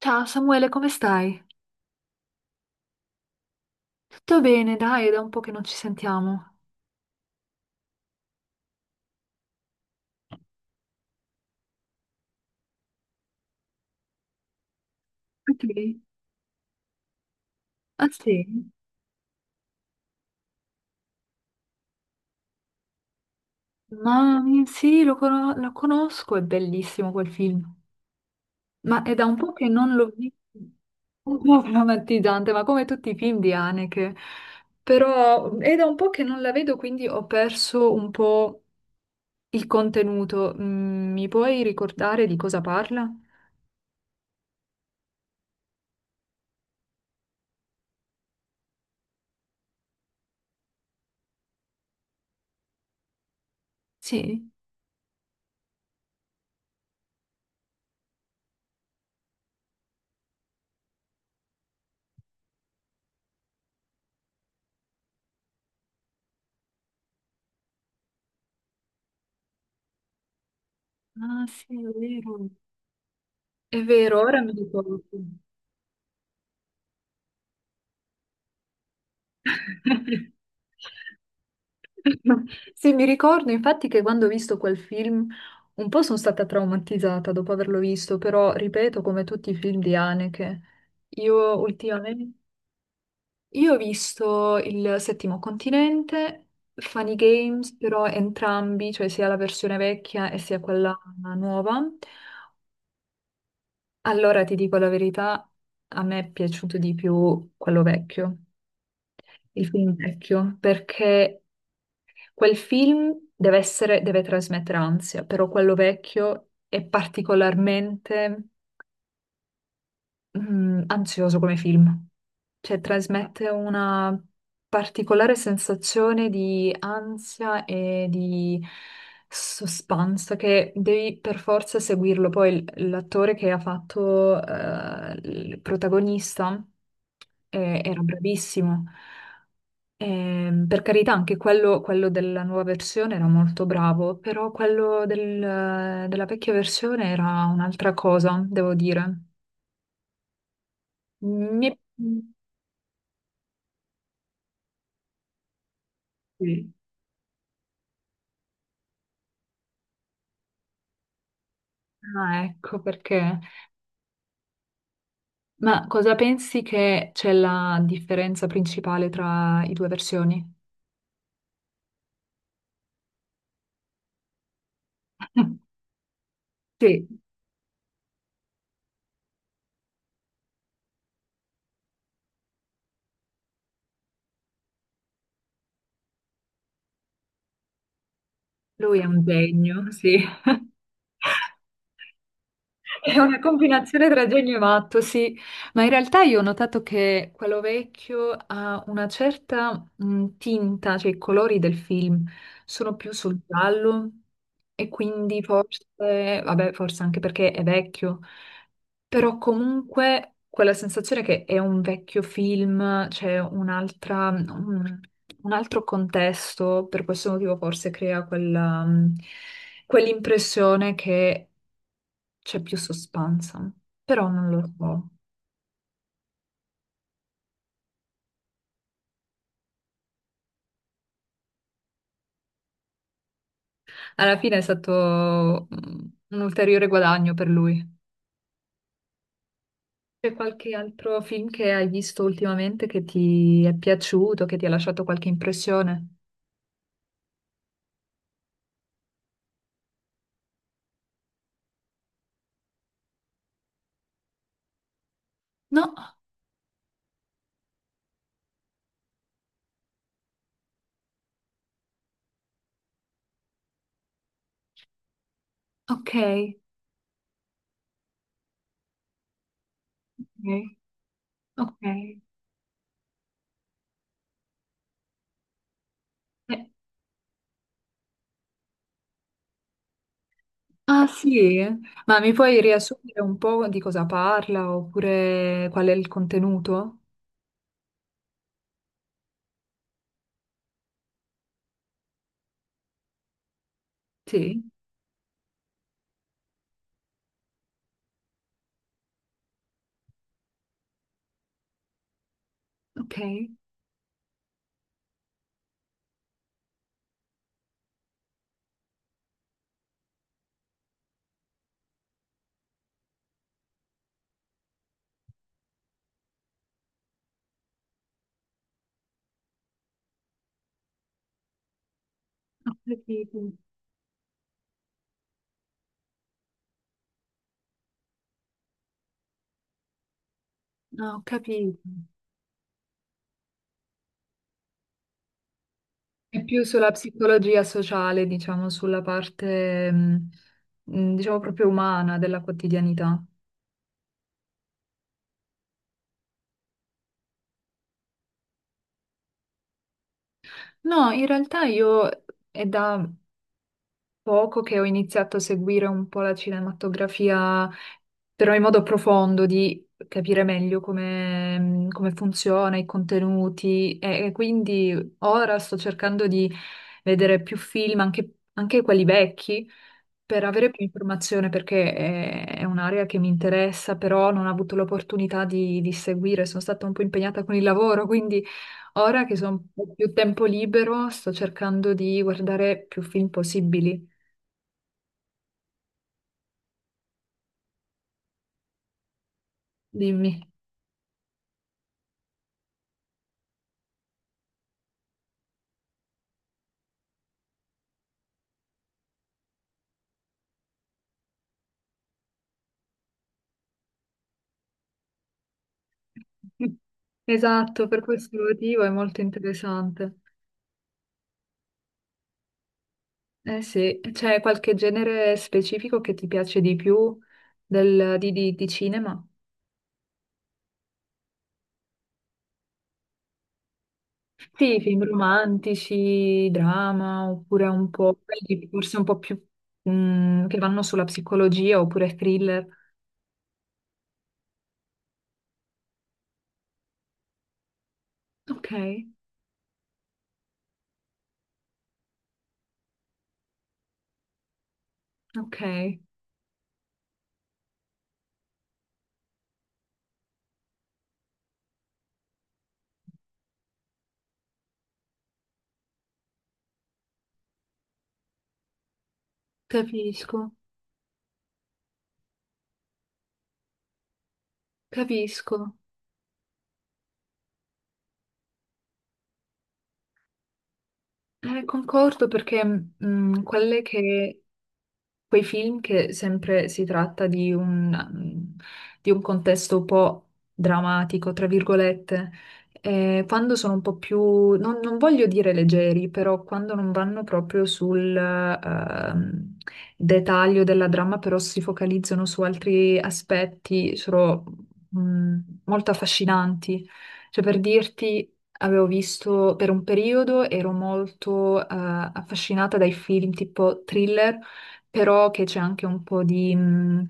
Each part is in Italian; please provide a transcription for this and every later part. Ciao Samuele, come stai? Tutto bene, dai, è da un po' che non ci sentiamo. Ok. Ah sì? Lo conosco, è bellissimo quel film. Ma è da un po' che non l'ho visto. Un po' traumatizzante, ma come tutti i film di Haneke. Però è da un po' che non la vedo, quindi ho perso un po' il contenuto. Mi puoi ricordare di cosa parla? Sì. Ah sì, è vero. È vero, ora mi ricordo. Sì, mi ricordo infatti che quando ho visto quel film un po' sono stata traumatizzata dopo averlo visto, però ripeto, come tutti i film di Haneke, io ultimamente io ho visto Il Settimo Continente, Funny Games, però entrambi, cioè sia la versione vecchia e sia quella nuova. Allora ti dico la verità, a me è piaciuto di più quello vecchio, il film vecchio, perché quel film deve essere, deve trasmettere ansia, però quello vecchio è particolarmente ansioso come film, cioè trasmette una particolare sensazione di ansia e di suspense che devi per forza seguirlo. Poi l'attore che ha fatto il protagonista era bravissimo. Per carità, anche quello della nuova versione era molto bravo, però della vecchia versione era un'altra cosa, devo dire. Mi è- sì. Ah, ecco perché. Ma cosa pensi che c'è la differenza principale tra i due versioni? Sì, lui è un genio, sì. È una combinazione tra genio e matto, sì, ma in realtà io ho notato che quello vecchio ha una certa tinta, cioè i colori del film sono più sul giallo e quindi forse, vabbè, forse anche perché è vecchio, però comunque quella sensazione che è un vecchio film, c'è un altro contesto, per questo motivo forse crea quella, quell'impressione che c'è più suspense, però non lo so. Alla fine è stato un ulteriore guadagno per lui. C'è qualche altro film che hai visto ultimamente che ti è piaciuto, che ti ha lasciato qualche impressione? No? Ok. Ok. Ok. Eh, ah sì? Ma mi puoi riassumere un po' di cosa parla oppure qual è il contenuto? Sì. Ok. Ho capito. Ah, ho capito. È più sulla psicologia sociale, diciamo, sulla parte, diciamo, proprio umana della quotidianità. No, in realtà io è da poco che ho iniziato a seguire un po' la cinematografia, però in modo profondo, di capire meglio come, come funziona, i contenuti, e quindi ora sto cercando di vedere più film, anche quelli vecchi per avere più informazione, perché è un'area che mi interessa, però non ho avuto l'opportunità di seguire, sono stata un po' impegnata con il lavoro, quindi ora che sono un po' più tempo libero, sto cercando di guardare più film possibili. Dimmi. Esatto, per questo motivo è molto interessante. Eh sì, c'è qualche genere specifico che ti piace di più di cinema? Sì, film romantici, drama, oppure un po', quelli forse un po' più che vanno sulla psicologia, oppure thriller. Ok, ok, capisco, capisco. Concordo perché quelle che quei film che sempre si tratta di di un contesto un po' drammatico, tra virgolette. Quando sono un po' più, non voglio dire leggeri, però quando non vanno proprio sul dettaglio della dramma, però si focalizzano su altri aspetti, sono mm, molto affascinanti. Cioè, per dirti, avevo visto per un periodo, ero molto affascinata dai film tipo thriller però che c'è anche un po' di...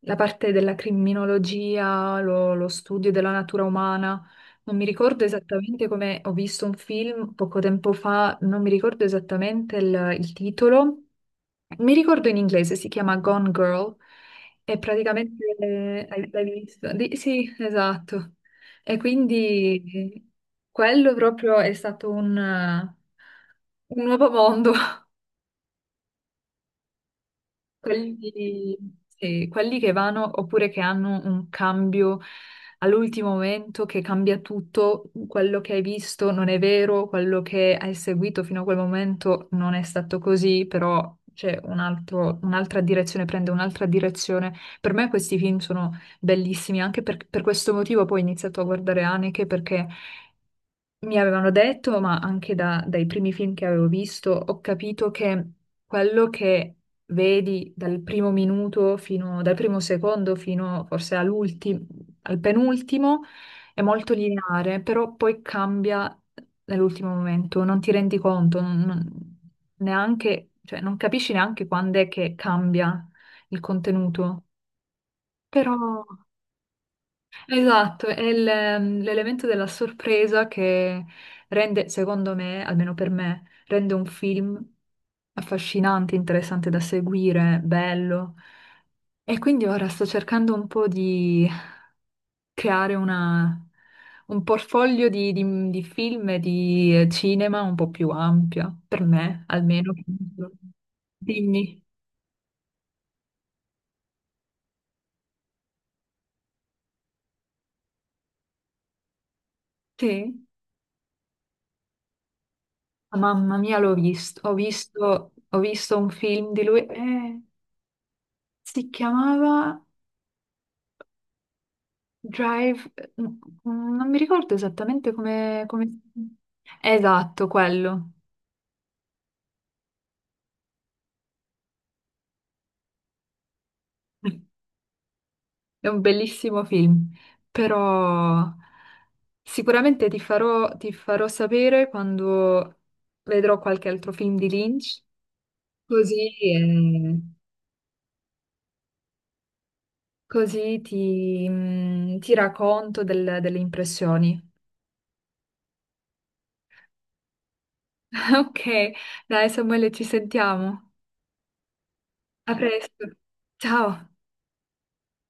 la parte della criminologia, lo studio della natura umana. Non mi ricordo esattamente come ho visto un film poco tempo fa, non mi ricordo esattamente il titolo. Mi ricordo in inglese, si chiama Gone Girl e praticamente l'hai visto? Sì, esatto. E quindi quello proprio è stato un nuovo mondo quelli, sì, quelli che vanno oppure che hanno un cambio all'ultimo momento che cambia tutto, quello che hai visto non è vero, quello che hai seguito fino a quel momento non è stato così, però c'è un'altra direzione, prende un'altra direzione. Per me questi film sono bellissimi, anche per questo motivo poi ho iniziato a guardare Haneke perché mi avevano detto, ma anche dai primi film che avevo visto, ho capito che quello che vedi dal primo minuto fino, dal primo secondo fino forse all'ultimo, al penultimo è molto lineare, però poi cambia nell'ultimo momento, non ti rendi conto, neanche, cioè non capisci neanche quando è che cambia il contenuto, però esatto, è l'elemento della sorpresa che rende, secondo me, almeno per me, rende un film affascinante, interessante da seguire, bello. E quindi ora sto cercando un po' di creare un portfolio di film e di cinema un po' più ampio, per me almeno. Dimmi. Sì? Mamma mia, l'ho visto, ho visto un film di lui. Si chiamava Drive, non mi ricordo esattamente come... esatto, quello. È un bellissimo film, però sicuramente ti farò sapere quando vedrò qualche altro film di Lynch, così, eh, così ti racconto delle impressioni. Ok, dai Samuele, ci sentiamo. A presto. Ciao.